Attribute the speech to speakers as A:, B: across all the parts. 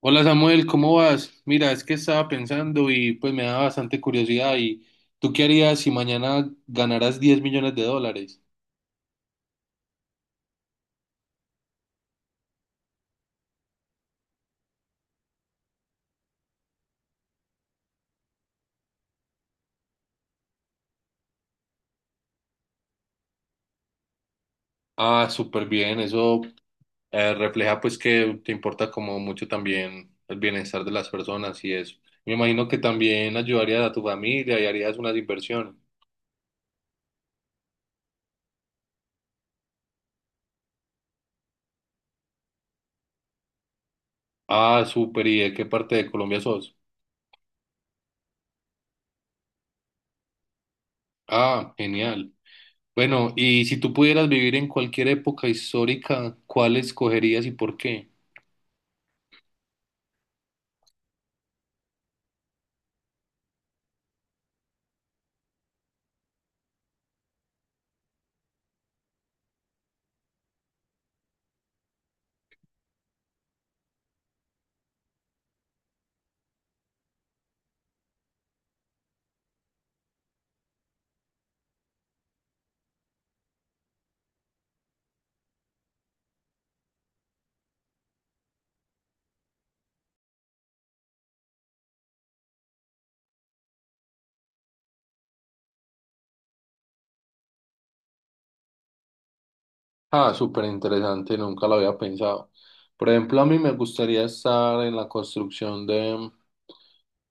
A: Hola Samuel, ¿cómo vas? Mira, es que estaba pensando y pues me da bastante curiosidad. ¿Y tú qué harías si mañana ganaras $10 millones? Ah, súper bien, eso refleja pues que te importa como mucho también el bienestar de las personas y eso. Me imagino que también ayudarías a tu familia y harías unas inversiones. Ah, súper, ¿y de qué parte de Colombia sos? Ah, genial. Bueno, y si tú pudieras vivir en cualquier época histórica, ¿cuál escogerías y por qué? Ah, súper interesante, nunca lo había pensado. Por ejemplo, a mí me gustaría estar en la construcción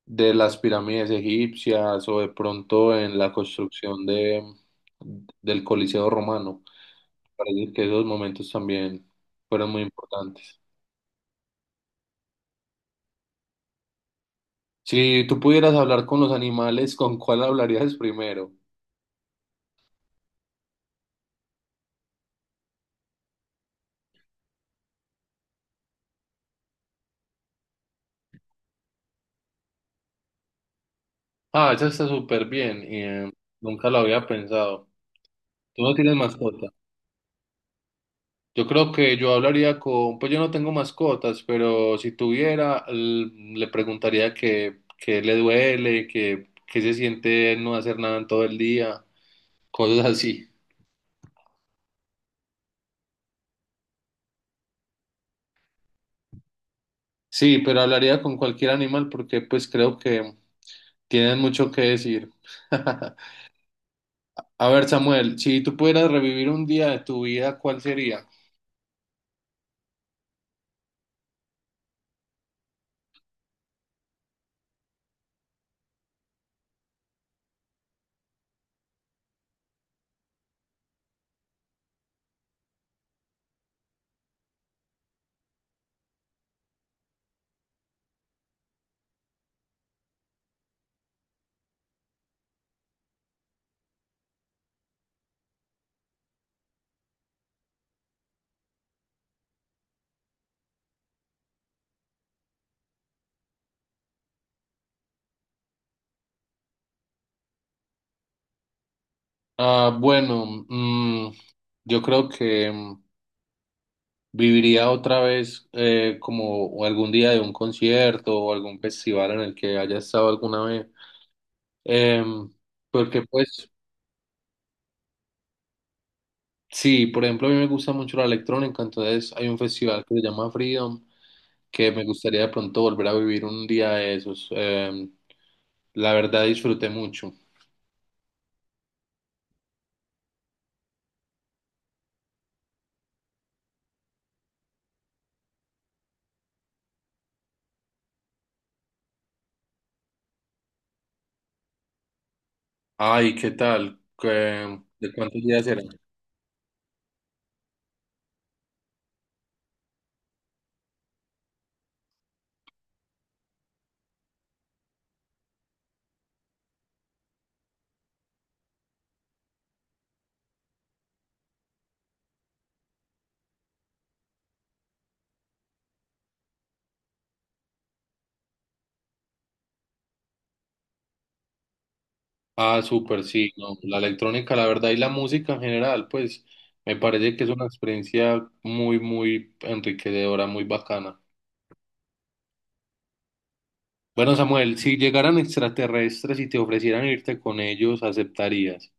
A: de las pirámides egipcias o de pronto en la construcción del Coliseo romano. Parece que esos momentos también fueron muy importantes. Si tú pudieras hablar con los animales, ¿con cuál hablarías primero? Ah, eso está súper bien y nunca lo había pensado. ¿Tú no tienes mascota? Yo creo que yo hablaría con, pues yo no tengo mascotas, pero si tuviera, le preguntaría que le duele, que se siente no hacer nada en todo el día, cosas así. Sí, pero hablaría con cualquier animal porque pues creo que tienen mucho que decir. A ver, Samuel, si tú pudieras revivir un día de tu vida, ¿cuál sería? Ah, bueno, mm, yo creo que ¿viviría otra vez como o algún día de un concierto o algún festival en el que haya estado alguna vez? Em, Porque pues sí, por ejemplo, a mí me gusta mucho la electrónica, entonces hay un festival que se llama Freedom, que me gustaría de pronto volver a vivir un día de esos. La verdad disfruté mucho. Ay, ¿qué tal? ¿Qué- ¿De cuántos días eran? Ah, súper, sí, no, la electrónica, la verdad, y la música en general, pues me parece que es una experiencia muy, muy enriquecedora, muy bacana. Bueno, Samuel, si llegaran extraterrestres y te ofrecieran irte con ellos, ¿aceptarías?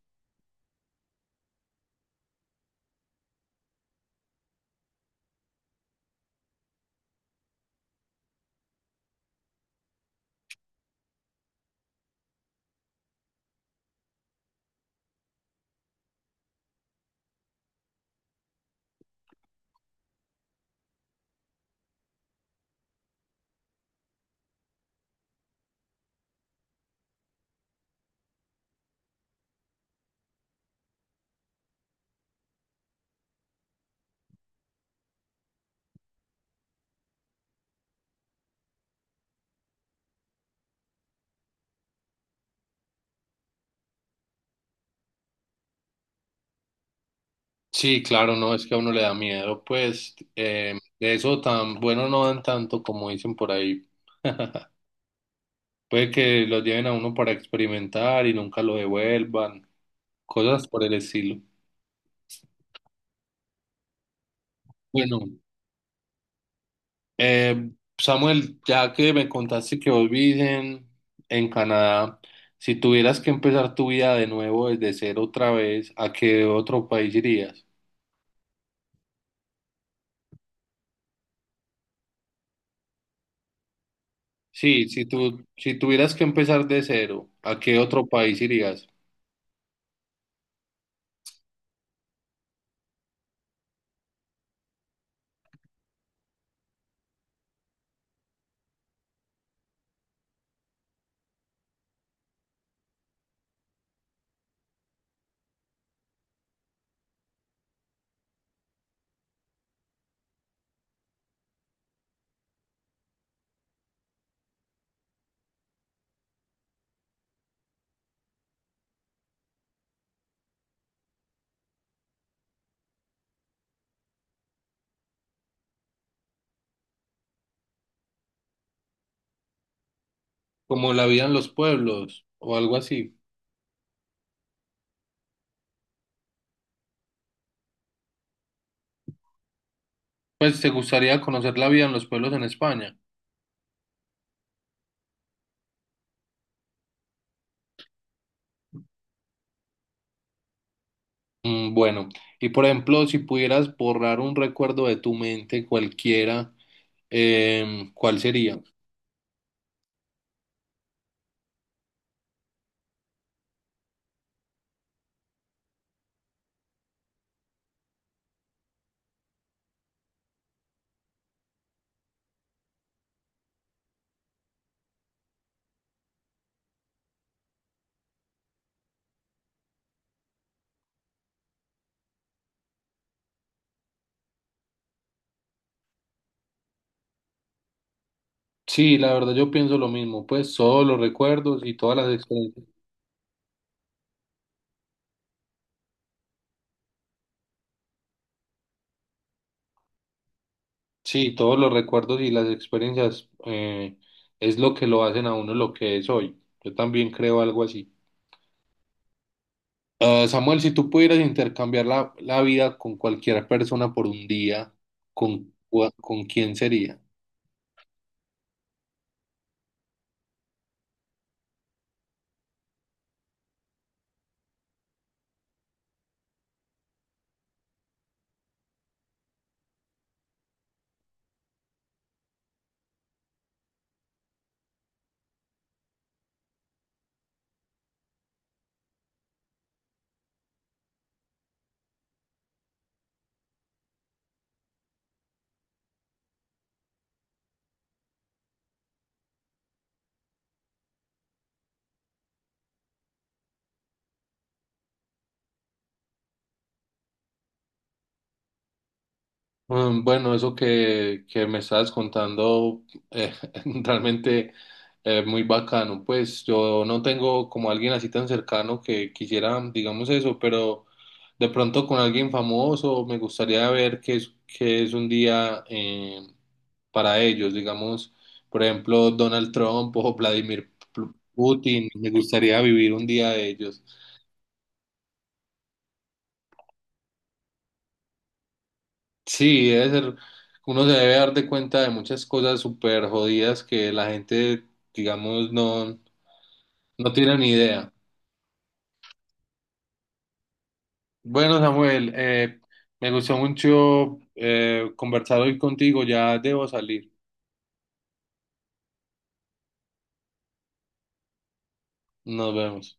A: Sí, claro, no, es que a uno le da miedo, pues de eso tan bueno no dan tanto como dicen por ahí. Puede que lo lleven a uno para experimentar y nunca lo devuelvan, cosas por el estilo. Bueno. Eh, Samuel, ya que me contaste que vos vivís en Canadá, si tuvieras que empezar tu vida de nuevo desde cero otra vez, ¿a qué otro país irías? Sí, si tú, si tuvieras que empezar de cero, ¿a qué otro país irías? Como la vida en los pueblos o algo así. Pues te gustaría conocer la vida en los pueblos en España. Mm, bueno, y por ejemplo, si pudieras borrar un recuerdo de tu mente cualquiera, ¿cuál sería? Sí, la verdad yo pienso lo mismo, pues todos los recuerdos y todas las experiencias, sí, todos los recuerdos y las experiencias es lo que lo hacen a uno lo que es hoy. Yo también creo algo así. Ah, Samuel, si tú pudieras intercambiar la vida con cualquier persona por un día, ¿con quién sería? Mm, bueno, eso que me estabas contando eh, realmente muy bacano. Pues yo no tengo como alguien así tan cercano que quisiera, digamos eso, pero de pronto con alguien famoso me gustaría ver qué es un día para ellos, digamos, por ejemplo, Donald Trump o Vladimir Putin. Me gustaría vivir un día de ellos. Sí, debe ser, uno se debe dar de cuenta de muchas cosas súper jodidas que la gente, digamos, no, no tiene ni idea. Bueno, Samuel, me gustó mucho conversar hoy contigo, ya debo salir. Nos vemos.